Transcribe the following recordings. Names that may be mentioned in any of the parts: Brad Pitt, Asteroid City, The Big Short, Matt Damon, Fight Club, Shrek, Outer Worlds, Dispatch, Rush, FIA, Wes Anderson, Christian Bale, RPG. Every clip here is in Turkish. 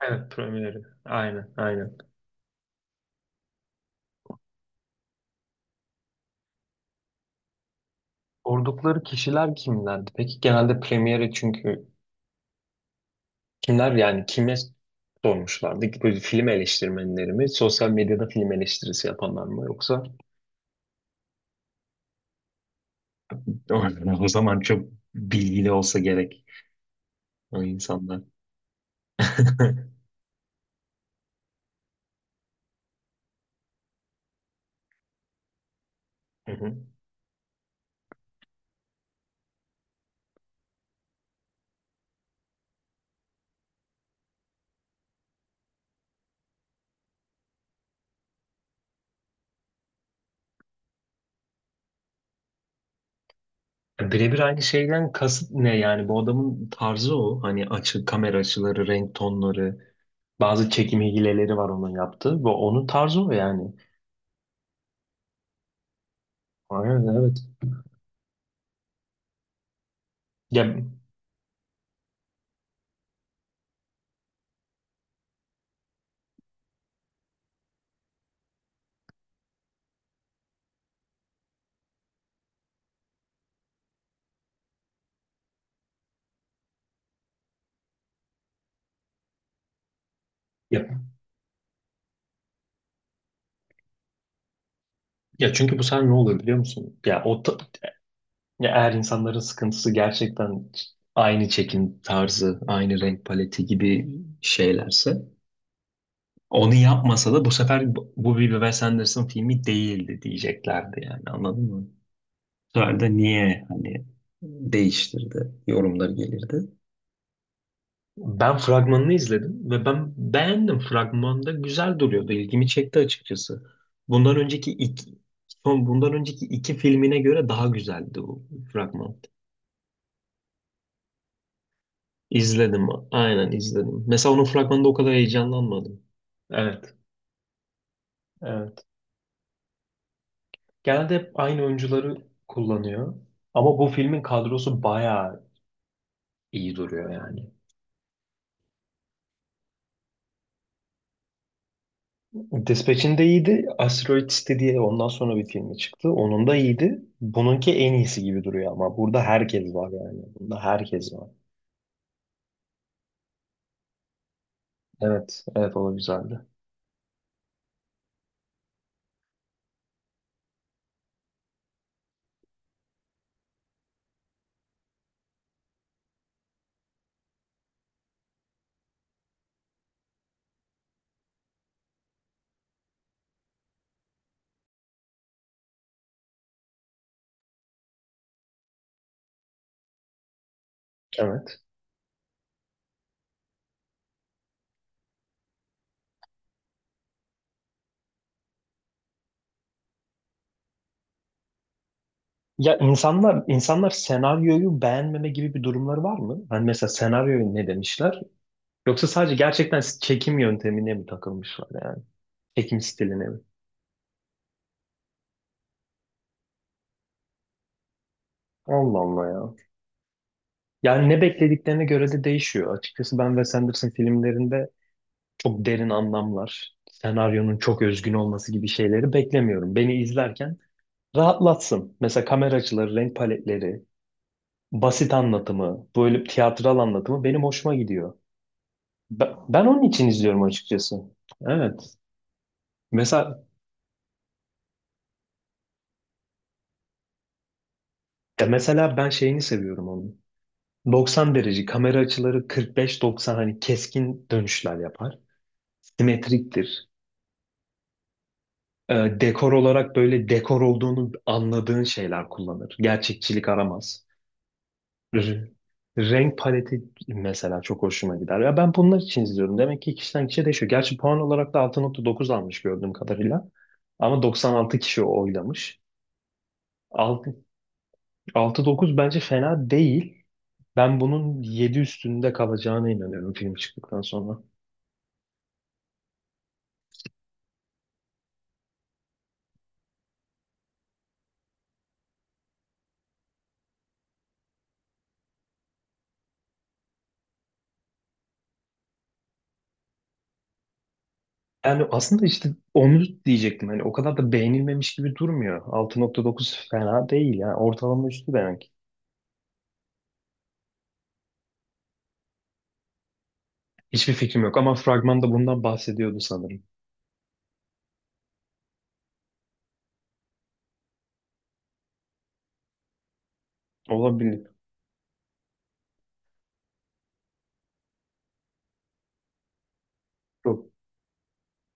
Evet, Premier'i. Aynen, aynen. Sordukları kişiler kimlerdi? Peki genelde Premier'i çünkü kimler yani kime sormuşlardı? Böyle film eleştirmenleri mi? Sosyal medyada film eleştirisi yapanlar mı? Yoksa? O zaman çok bilgili olsa gerek o insanlar. Hı hı. Birebir aynı şeyden kasıt ne yani? Bu adamın tarzı o, hani kamera açıları, renk tonları, bazı çekim hileleri var onun yaptığı. Bu onun tarzı o yani. Aynen, evet. Ya, ya. Ya çünkü bu sefer ne olur biliyor musun? Ya eğer insanların sıkıntısı gerçekten aynı çekim tarzı, aynı renk paleti gibi şeylerse, onu yapmasa da bu sefer bu bir Wes Anderson filmi değildi diyeceklerdi yani, anladın mı? Bu sefer de niye hani değiştirdi yorumları gelirdi. Ben fragmanını izledim ve ben beğendim. Fragmanda güzel duruyordu. İlgimi çekti açıkçası. Bundan önceki iki, son bundan önceki iki filmine göre daha güzeldi bu fragman. İzledim. Aynen izledim. Mesela onun fragmanında o kadar heyecanlanmadım. Evet, evet. Genelde hep aynı oyuncuları kullanıyor. Ama bu filmin kadrosu bayağı iyi duruyor yani. Dispatch'in de iyiydi. Asteroid City diye ondan sonra bir filmi çıktı. Onun da iyiydi. Bununki en iyisi gibi duruyor ama burada herkes var yani. Bunda herkes var. Evet, evet, o da güzeldi. Evet. Ya insanlar senaryoyu beğenmeme gibi bir durumları var mı? Hani mesela senaryoyu ne demişler? Yoksa sadece gerçekten çekim yöntemine mi takılmışlar yani? Çekim stiline mi? Allah Allah ya. Yani ne beklediklerine göre de değişiyor. Açıkçası ben Wes Anderson filmlerinde çok derin anlamlar, senaryonun çok özgün olması gibi şeyleri beklemiyorum. Beni izlerken rahatlatsın. Mesela kamera açıları, renk paletleri, basit anlatımı, böyle tiyatral anlatımı benim hoşuma gidiyor. Ben onun için izliyorum açıkçası. Evet. Mesela mesela ben şeyini seviyorum onun. 90 derece kamera açıları, 45-90, hani keskin dönüşler yapar. Simetriktir. Ee, Dekor olarak böyle dekor olduğunu anladığın şeyler kullanır. Gerçekçilik aramaz. R- Renk paleti mesela çok hoşuma gider. Ya ben bunlar için izliyorum. Demek ki kişiden kişiye değişiyor. Gerçi puan olarak da 6,9 almış gördüğüm kadarıyla. Ama 96 kişi oylamış. Altı altı dokuz bence fena değil. Ben bunun 7 üstünde kalacağına inanıyorum film çıktıktan sonra. Yani aslında işte onu diyecektim. Hani o kadar da beğenilmemiş gibi durmuyor. 6,9 fena değil ya. Ortalama üstü demek. Hiçbir fikrim yok ama fragmanda bundan bahsediyordu sanırım. Olabilir. Çok.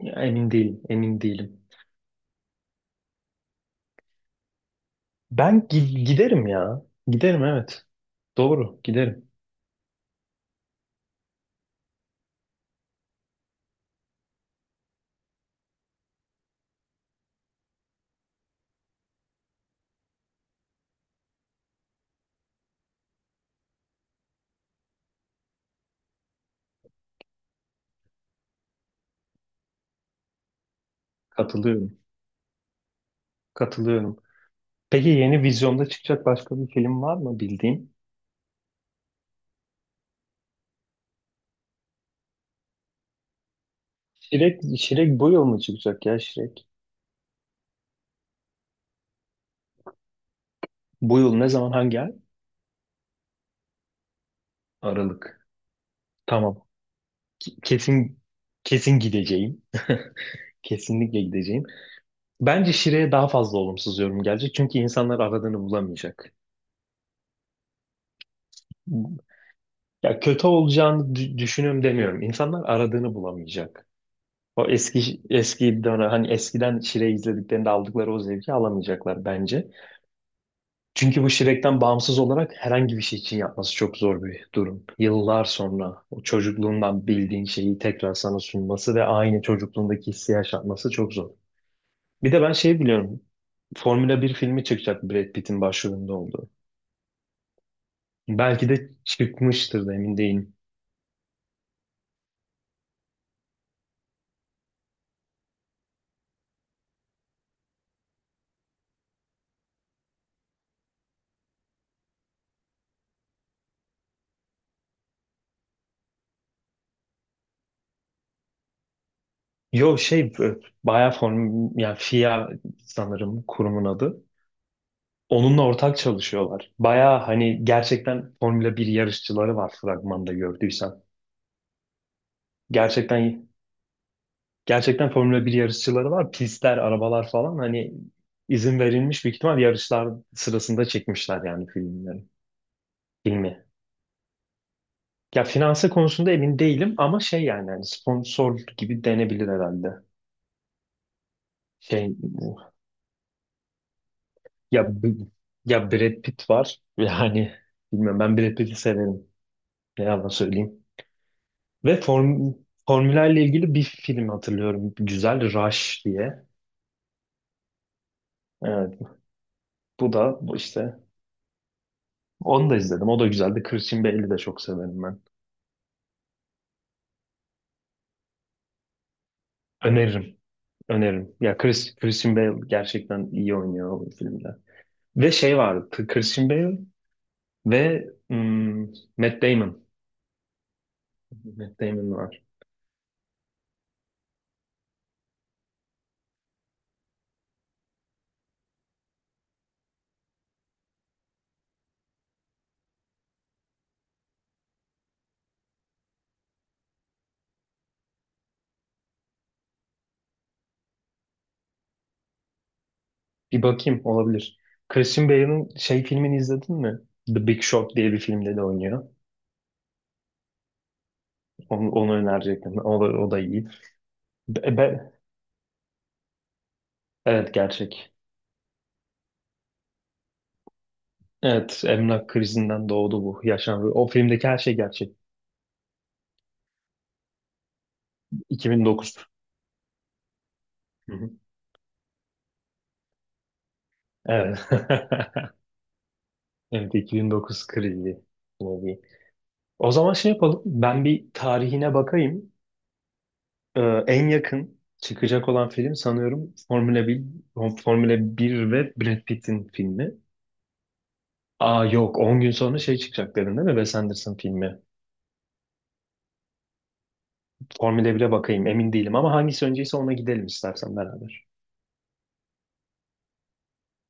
Ya, emin değilim, emin değilim. Ben giderim ya. Giderim evet. Doğru, giderim. Katılıyorum, katılıyorum. Peki yeni vizyonda çıkacak başka bir film var mı bildiğin? Şirek, Şirek bu yıl mı çıkacak ya Şirek? Bu yıl ne zaman hangi ay? Aralık. Tamam. Kesin kesin gideceğim. Kesinlikle gideceğim. Bence Şire'ye daha fazla olumsuz yorum gelecek. Çünkü insanlar aradığını bulamayacak. Ya kötü olacağını düşünüyorum demiyorum. İnsanlar aradığını bulamayacak. O eski eski dönem, hani eskiden Shrek izlediklerinde aldıkları o zevki alamayacaklar bence. Çünkü bu Shrek'ten bağımsız olarak herhangi bir şey için yapması çok zor bir durum. Yıllar sonra o çocukluğundan bildiğin şeyi tekrar sana sunması ve aynı çocukluğundaki hissi yaşatması çok zor. Bir de ben şey biliyorum. Formula 1 filmi çıkacak Brad Pitt'in başrolünde olduğu. Belki de çıkmıştır da emin değilim. Yo, bayağı yani FIA sanırım kurumun adı. Onunla ortak çalışıyorlar. Baya hani gerçekten Formula 1 yarışçıları var fragmanda gördüysen. Gerçekten gerçekten Formula 1 yarışçıları var. Pistler, arabalar falan, hani izin verilmiş büyük ihtimal yarışlar sırasında çekmişler yani filmleri. Filmi. Ya finanse konusunda emin değilim ama şey yani hani sponsor gibi denebilir herhalde. Şey ya ya Brad Pitt var. Yani bilmiyorum, ben Brad Pitt'i severim. Ne yalan söyleyeyim. Ve formülerle ilgili bir film hatırlıyorum. Güzel, Rush diye. Evet. Bu da bu işte. Onu da izledim. O da güzeldi. Christian Bale'i de çok severim ben. Öneririm. Öneririm. Ya Christian Bale gerçekten iyi oynuyor o filmde. Ve şey vardı. Christian Bale ve Matt Damon. Matt Damon var. Bir bakayım, olabilir. Christian Bale'ın şey filmini izledin mi? The Big Short diye bir filmde de oynuyor. Onu önerecektim. O da iyi. Be, be- evet, gerçek. Evet, emlak krizinden doğdu, bu yaşandı. O filmdeki her şey gerçek. 2009. Hı hı. Evet. Evet, 2009 krizi. Ne diyeyim. O zaman şey yapalım. Ben bir tarihine bakayım. Ee, En yakın çıkacak olan film sanıyorum Formula 1 ve Brad Pitt'in filmi. Aa yok, 10 gün sonra şey çıkacak dedin değil mi? Wes Anderson filmi. Formula 1'e bakayım, emin değilim, ama hangisi önceyse ona gidelim istersen beraber.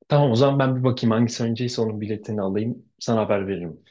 Tamam, o zaman ben bir bakayım hangisi önceyse onun biletini alayım, sana haber veririm.